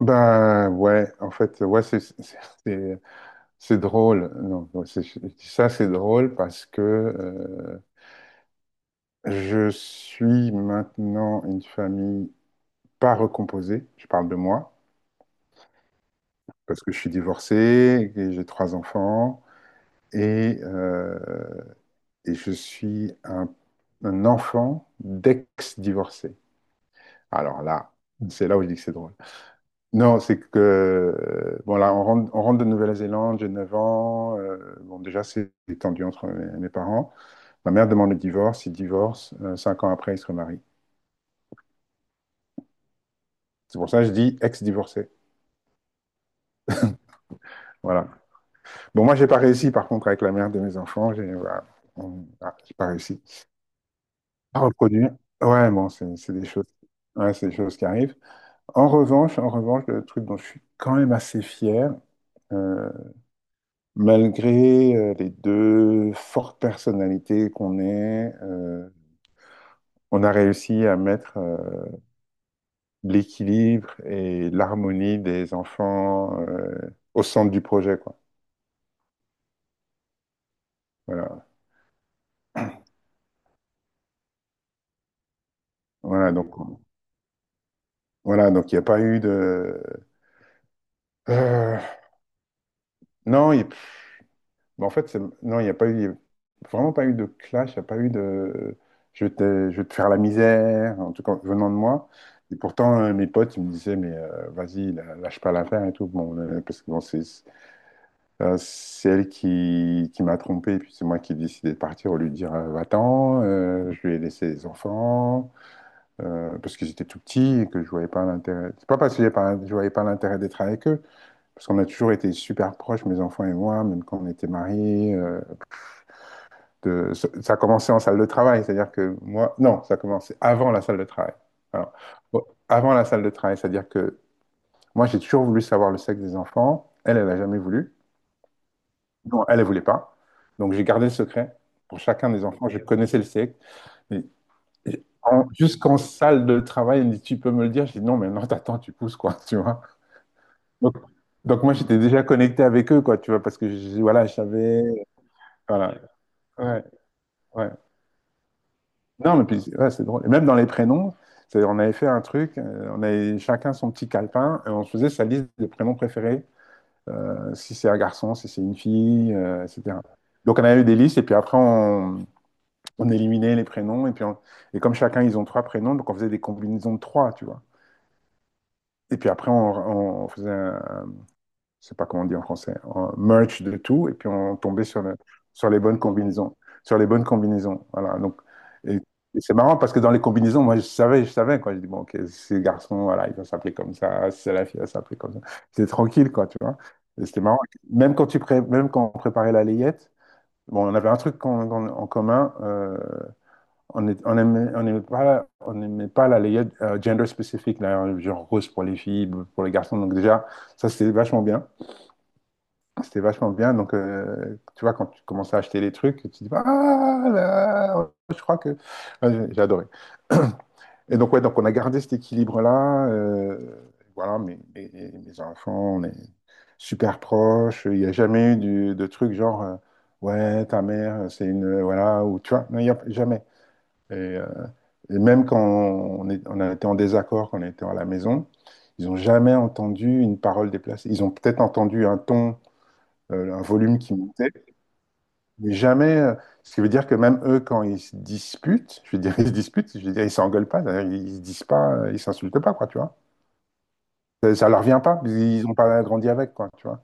Ben ouais, en fait, ouais, c'est- c'est drôle. Non, ouais, je dis ça, c'est drôle parce que je suis maintenant une famille pas recomposée. Je parle de moi parce que je suis divorcé et j'ai trois enfants et, euh, et je suis un enfant d'ex-divorcé. Alors là, c'est là où je dis que c'est drôle. Non, c'est que, bon, là, on rentre de Nouvelle-Zélande, j'ai 9 ans. Bon, déjà, c'est tendu entre mes parents. Ma mère demande le divorce, il divorce. 5 ans après, il se remarie. C'est pour ça que je dis ex-divorcé. Voilà. Bon, moi, j'ai pas réussi, par contre, avec la mère de mes enfants. J'ai voilà, ah, j'ai pas réussi à reproduire. Ouais, bon, c'est des choses, ouais, c'est des choses qui arrivent. En revanche, le truc dont je suis quand même assez fier, euh, malgré les deux fortes personnalités qu'on est, on a réussi à mettre l'équilibre et l'harmonie des enfants au centre du projet, quoi. Voilà. Voilà, donc voilà, donc il n'y a pas eu de euh, non, bah, en fait, non, il n'y a pas eu, il y a vraiment pas eu de clash, il n'y a pas eu de je vais te faire la misère, en tout cas venant de moi. Et pourtant, mes potes, ils me disaient, mais vas-y, lâche pas l'affaire et tout. Bon, parce que bon, c'est elle qui m'a trompé, et puis c'est moi qui ai décidé de partir au lieu de dire, va-t'en, je lui ai laissé les enfants, parce que j'étais tout petit et que je voyais pas l'intérêt. C'est pas parce que j'ai pas- je voyais pas l'intérêt d'être avec eux, parce qu'on a toujours été super proches, mes enfants et moi, même quand on était mariés. De- Ça a commencé en salle de travail, c'est-à-dire que moi, non, ça a commencé avant la salle de travail. Alors, bon, avant la salle de travail, c'est-à-dire que moi, j'ai toujours voulu savoir le sexe des enfants. Elle, elle n'a jamais voulu. Non, elle, elle voulait pas. Donc, j'ai gardé le secret. Pour chacun des enfants, je connaissais le sexe. Mais jusqu'en salle de travail, elle me dit, tu peux me le dire? J'ai dit, non, mais non, t'attends, tu pousses, quoi, tu vois. Donc, donc moi, j'étais déjà connecté avec eux, quoi, tu vois, parce que, voilà, je savais, voilà. Ouais, ouais. Non, mais puis, ouais, c'est drôle. Et même dans les prénoms, on avait fait un truc, on avait chacun son petit calepin, et on se faisait sa liste de prénoms préférés, si c'est un garçon, si c'est une fille, etc. Donc on avait eu des listes, et puis après on éliminait les prénoms, et puis et comme chacun, ils ont trois prénoms, donc on faisait des combinaisons de trois, tu vois. Et puis après, on faisait un, je sais pas comment on dit en français, en merch de tout, et puis on tombait sur, sur les bonnes combinaisons. Sur les bonnes combinaisons, voilà. Donc, et c'est marrant parce que dans les combinaisons, moi, je savais, quoi. Je dis, bon, ok, ces garçons, voilà, ils vont s'appeler comme ça, c'est la fille, elle va s'appeler comme ça. C'était tranquille, quoi, tu vois. Et c'était marrant. Même quand, même quand on préparait la layette, bon, on avait un truc qu'on en commun, on aimait pas, on n'aimait pas la layette gender spécifique, là, genre rose pour les filles, bleu pour les garçons. Donc déjà, ça, c'était vachement bien. C'était vachement bien. Donc, tu vois, quand tu commences à acheter les trucs, tu te dis, ah là, je crois que. Ouais, j'ai adoré. Et donc, ouais, donc on a gardé cet équilibre-là. Voilà, mes enfants, on est super proches. Il n'y a jamais eu de trucs genre, ouais, ta mère, c'est une. Voilà, ou tu vois, non, il n'y a jamais. Et, euh, et même quand on a été en désaccord, quand on était à la maison, ils n'ont jamais entendu une parole déplacée. Ils ont peut-être entendu un ton un volume qui montait, mais jamais, ce qui veut dire que même eux, quand ils se disputent, je veux dire, ils se disputent, je veux dire, ils s'engueulent pas, d'ailleurs, ils se disent pas, ils s'insultent pas, quoi, tu vois. Ça leur vient pas, ils ont pas grandi avec, quoi, tu vois.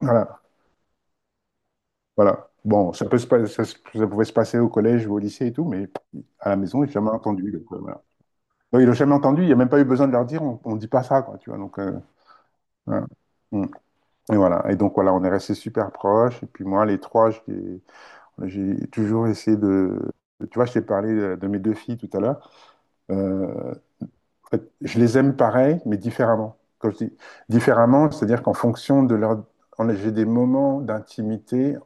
Voilà, voilà. Bon, ça peut se pas- ça, se- ça pouvait se passer au collège ou au lycée et tout, mais à la maison, ils j'ai jamais entendu. Donc, voilà. Donc, ils l'ont jamais entendu, il n'y a même pas eu besoin de leur dire, on dit pas ça, quoi, tu vois. Donc, voilà. Mm. Et voilà. Et donc, voilà, on est restés super proches. Et puis, moi, les trois, j'ai toujours essayé de... Tu vois, je t'ai parlé de mes deux filles tout à l'heure. Euh, en fait, je les aime pareil, mais différemment. Quand je dis différemment, c'est-à-dire qu'en fonction de leur... j'ai des moments d'intimité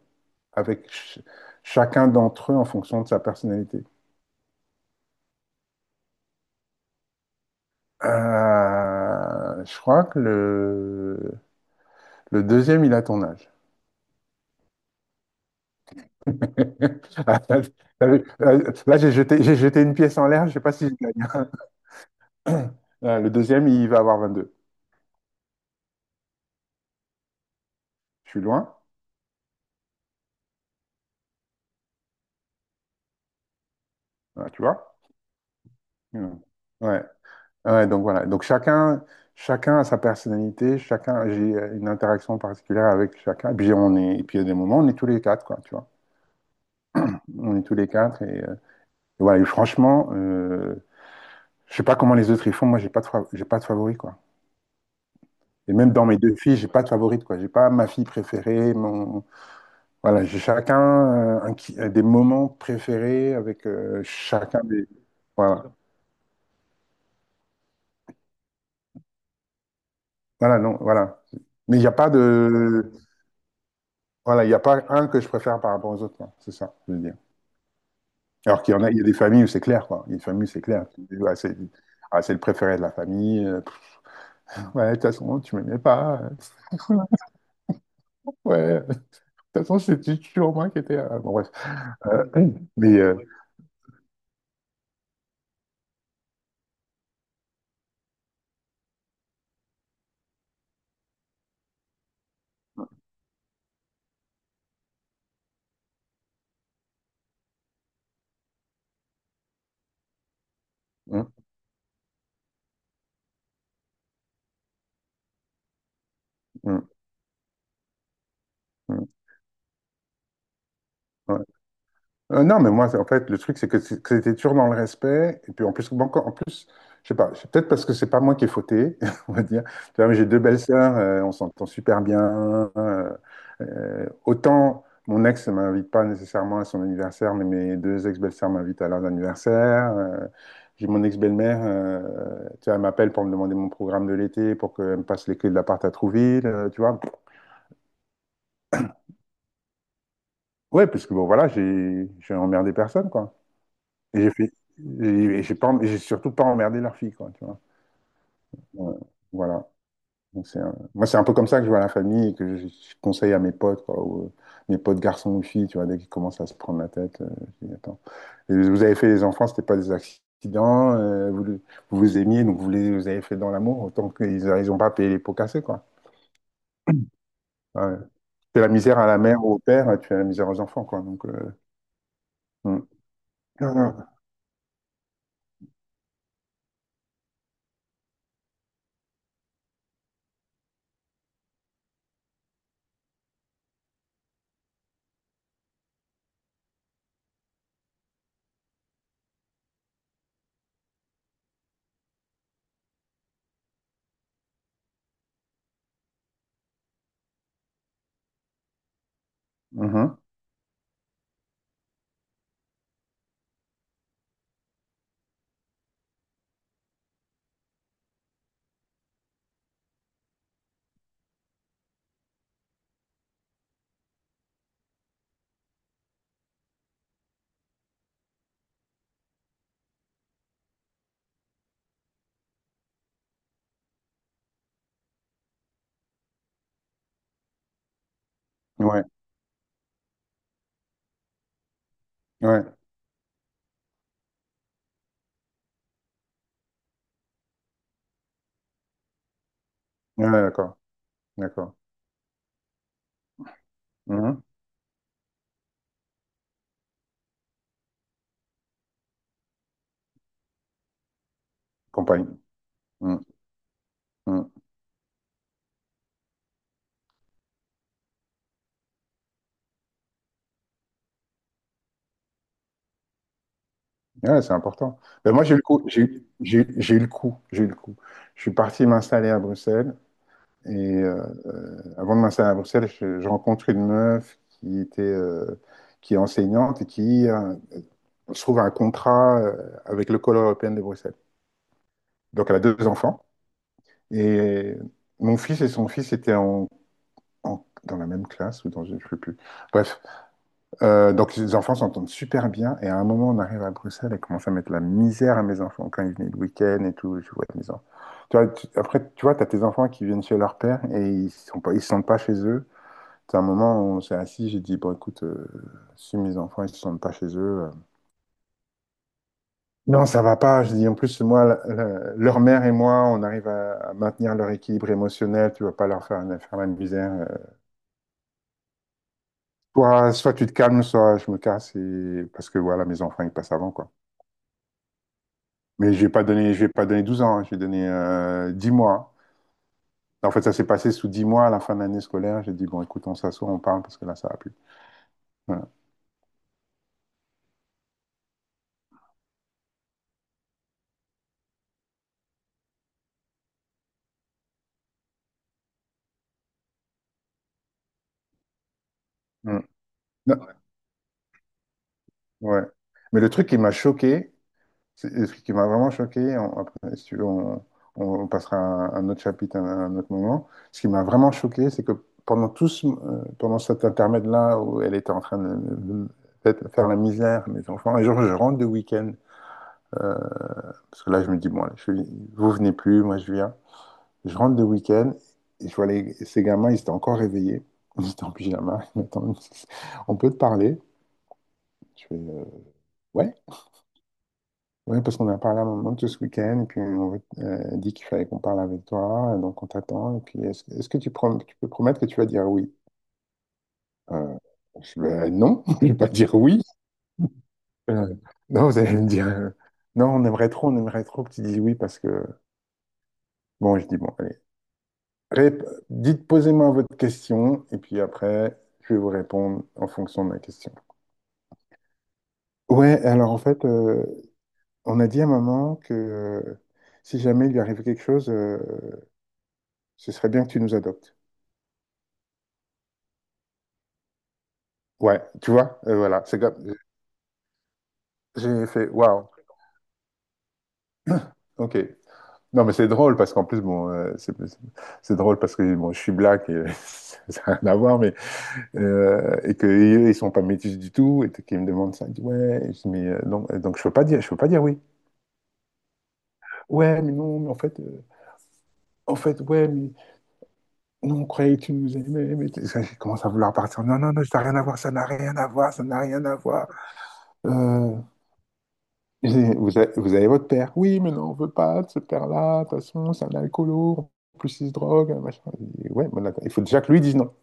avec chacun d'entre eux en fonction de sa personnalité. Je crois que le deuxième, il a ton âge. Ah, t'as vu? Là, j'ai jeté une pièce en l'air, je sais pas si je gagne. Le deuxième, il va avoir 22. Je suis loin. Ah, tu vois? Hmm. Ouais. Ouais, donc voilà. Donc chacun a sa personnalité, chacun, j'ai une interaction particulière avec chacun. Et puis on est, et puis il y a des moments, on est tous les quatre, quoi, tu vois. On est tous les quatre et voilà. Et franchement, je sais pas comment les autres ils font. Moi, j'ai pas de favori, quoi. Et même dans mes deux filles, j'ai pas de favorite, quoi. J'ai pas ma fille préférée, mon, voilà. J'ai chacun des moments préférés avec chacun des, voilà. Voilà, non, voilà. Mais il n'y a pas de, voilà, il n'y a pas un que je préfère par rapport aux autres, quoi. C'est ça, je veux dire. Alors qu'il y en a, il y a des familles où c'est clair, quoi. Il y a des familles, où c'est clair. Tu dis, ouais, c'est ah, c'est le préféré de la famille. Ouais, de toute façon, tu m'aimais pas. Ouais, de toute façon, c'était toujours moi qui étais. Bon, bref. Euh, mais. Hum, hum, hum, ouais. Non, mais moi, en fait, le truc, c'est que que c'était toujours dans le respect. Et puis, en plus, bon, en plus, je sais pas, c'est peut-être parce que c'est pas moi qui ai fauté, on va dire. Tu vois, mais j'ai deux belles sœurs, on s'entend super bien. euh, Autant mon ex ne m'invite pas nécessairement à son anniversaire, mais mes deux ex-belles-sœurs m'invitent à leurs anniversaires. J'ai mon ex-belle-mère, tu vois, elle m'appelle pour me demander mon programme de l'été, pour qu'elle me passe les clés de l'appart à Trouville, tu vois. Ouais, parce que bon, voilà, j'ai emmerdé personne, quoi. Et j'ai fait, j'ai pas, j'ai surtout pas emmerdé leur fille, quoi, tu vois. Ouais, voilà. Donc, moi, c'est un peu comme ça que je vois la famille et que je conseille à mes potes, quoi, ou, mes potes garçons ou filles, tu vois, dès qu'ils commencent à se prendre la tête, je dis, attends, et vous avez fait les enfants, c'était pas des accidents, vous vous aimiez, donc vous les vous avez fait dans l'amour, autant qu'ils ont pas payé les pots cassés, quoi. Ouais. Tu fais la misère à la mère ou au père, tu fais la misère aux enfants, quoi. Donc, hmm. Non, non. Mhm. Ouais, ouais, ouais, d'accord, d'accord. Mhm. Compagne. Mm, mm. Ouais, c'est important. Ben, moi, j'ai eu le coup. J'ai eu j'ai eu le coup. J'ai eu le coup. Je suis parti m'installer à Bruxelles. Et avant de m'installer à Bruxelles, je rencontre une meuf qui était, qui est enseignante et qui se trouve un contrat avec l'école européenne de Bruxelles. Donc, elle a deux enfants. Et mon fils et son fils étaient dans la même classe ou dans une, je ne sais plus. Bref. Donc les enfants s'entendent super bien, et à un moment on arrive à Bruxelles et commence à mettre la misère à mes enfants quand ils venaient le week-end et tout. Je vois mes enfants. Tu vois, après tu vois, t'as tes enfants qui viennent chez leur père et ils se sentent pas chez eux. C'est un moment où on s'est assis, j'ai dit bon écoute, si mes enfants ils se sentent pas chez eux, non ça va pas. Je dis en plus moi, leur mère et moi, on arrive à maintenir leur équilibre émotionnel. Tu vas pas leur faire la misère. Soit tu te calmes, soit je me casse, et parce que voilà mes enfants ils passent avant quoi. Mais je vais pas donné 12 ans, hein, je vais donner 10 mois. En fait, ça s'est passé sous 10 mois à la fin de l'année scolaire. J'ai dit, bon, écoute, on s'assoit, on parle parce que là, ça va plus. Voilà. Mm. Non, ouais. Mais le truc qui m'a choqué, le truc qui m'a vraiment choqué, après, si tu veux, on passera à un autre chapitre à un autre moment. Ce qui m'a vraiment choqué, c'est que pendant cet intermède-là où elle était en train de faire la misère à mes enfants, et genre, je rentre de week-end, euh, parce que là, je me dis, bon, allez, vous venez plus, moi, je viens. Je rentre de week-end et je vois les, ces gamins, ils étaient encore réveillés. Ils étaient en pyjama. Ils m'attendent. On peut te parler? Je fais, ouais. Oui, parce qu'on a parlé à maman tout ce week-end, et puis dit qu'il fallait qu'on parle avec toi, et donc on t'attend. Et puis, est-ce que tu peux promettre que tu vas dire oui? Euh, ben, non, je ne vais pas dire oui. Euh, non, vous allez me dire, non, on aimerait trop que tu dises oui, parce que, bon, je dis, bon, allez. Rép- Dites, posez-moi votre question, et puis après, je vais vous répondre en fonction de ma question. Ouais, alors en fait, on a dit à maman que si jamais il lui arrive quelque chose, ce serait bien que tu nous adoptes. Ouais, tu vois, voilà, c'est comme. J'ai fait, waouh. OK. Non, mais c'est drôle parce qu'en plus, bon, c'est drôle parce que bon, je suis black, et ça n'a rien à voir, mais et que eux, ils sont pas métis du tout et qu'ils me demandent ça, ils disent, ouais, je dis, donc je peux pas dire oui. Ouais, mais non, mais en fait, ouais, mais non, on croyait que tu nous aimais, ça, j'ai commencé à vouloir partir. Non, non, non, ça n'a rien à voir, ça n'a rien à voir, ça n'a rien à voir. Euh, vous avez votre père. Oui, mais non, on veut pas de ce père-là, de toute façon, c'est un alcoolo, en plus il se drogue, machin. Je dis, ouais, mais d'accord. Il faut déjà que lui dise non.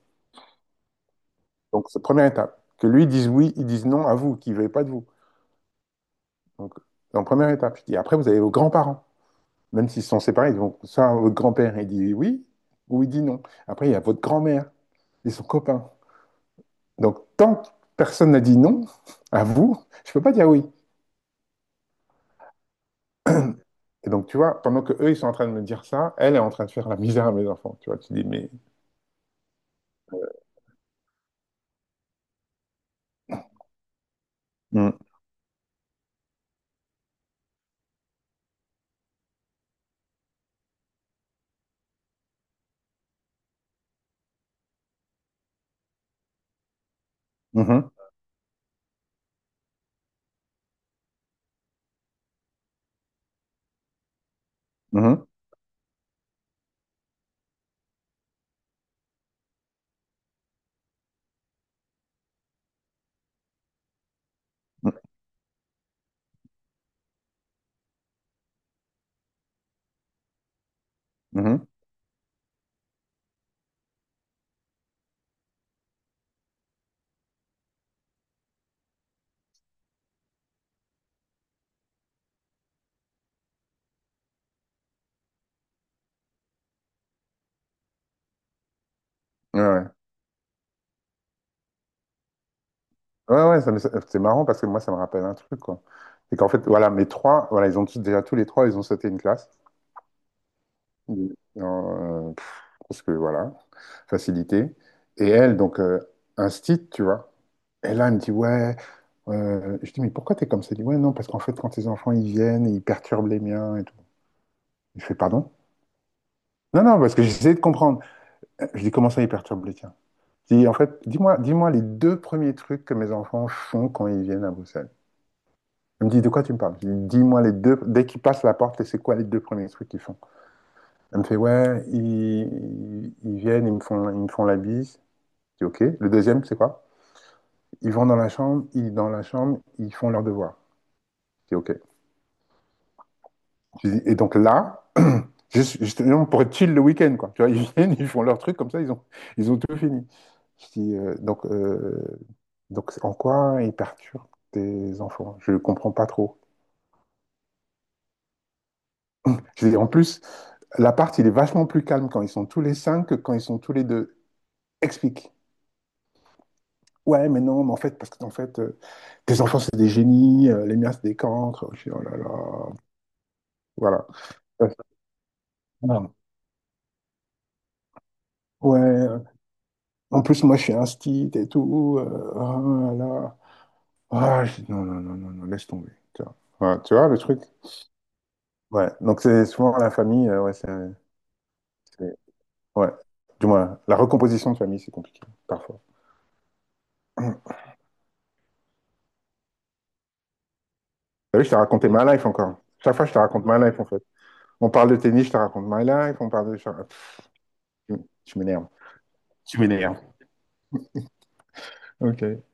Donc, c'est la première étape. Que lui dise oui, il dise non à vous, qu'il ne veuille pas de vous. Donc, en première étape, je dis, après, vous avez vos grands-parents. Même s'ils sont séparés, donc soit votre grand-père, il dit oui, ou il dit non. Après, il y a votre grand-mère, et son copain. Donc, tant que personne n'a dit non à vous, je ne peux pas dire oui. Et donc, tu vois, pendant que eux, ils sont en train de me dire ça, elle est en train de faire la misère à mes enfants. Tu vois, tu dis, mais. Mm, mhm, mhm, mm, mhm. Ouais, ouais, ouais, ouais, c'est marrant parce que moi, ça me rappelle un truc, quoi. C'est qu'en fait, voilà, mes trois, voilà, ils ont tous, déjà tous les trois, ils ont sauté une classe. Oui. Parce que voilà, facilité. Et elle, donc, instite, tu vois. Et là, elle me dit, ouais, je dis, mais pourquoi t'es comme ça? Elle dit, ouais, non, parce qu'en fait, quand tes enfants, ils viennent, ils perturbent les miens et tout. Je fais, pardon? Non, non, parce que j'essaie de comprendre. Je dis, comment ça, ils perturbent les tiens? Je dis, en fait, dis-moi, dis-moi les deux premiers trucs que mes enfants font quand ils viennent à Bruxelles. Elle me dit, de quoi tu me parles? Je lui dis, dis-moi les deux, dès qu'ils passent la porte, c'est quoi les deux premiers trucs qu'ils font? Elle me fait, ouais, ils viennent, ils me font la bise. Je dis OK. Le deuxième, c'est quoi? Ils vont dans la chambre, ils font leurs devoirs. Je dis OK. Je dis, et donc là, justement, pour être chill le week-end, quoi. Tu vois, ils viennent, ils font leur truc, comme ça, ils ont tout fini. Je dis, donc, en quoi ils perturbent tes enfants? Je ne comprends pas trop. Je dis, en plus, l'appart, il est vachement plus calme quand ils sont tous les cinq que quand ils sont tous les deux. Explique. Ouais, mais non, mais en fait, parce que tes enfants, c'est des génies, les miens, c'est des cancres. Je dis, oh là là. Voilà. Ah, ouais, en plus, moi, je suis un stit et tout. Ah, là. Ah, non, non, non, non, non, laisse tomber. Tu vois, ouais, tu vois le truc? Ouais, donc c'est souvent la famille, ouais, c'est- ouais. Du moins, la recomposition de famille, c'est compliqué, parfois. T'as vu, je t'ai raconté ma life encore. Chaque fois, je te raconte ma life, en fait. On parle de tennis, je te raconte ma life. On parle de. Tu m'énerves. Tu m'énerves. OK.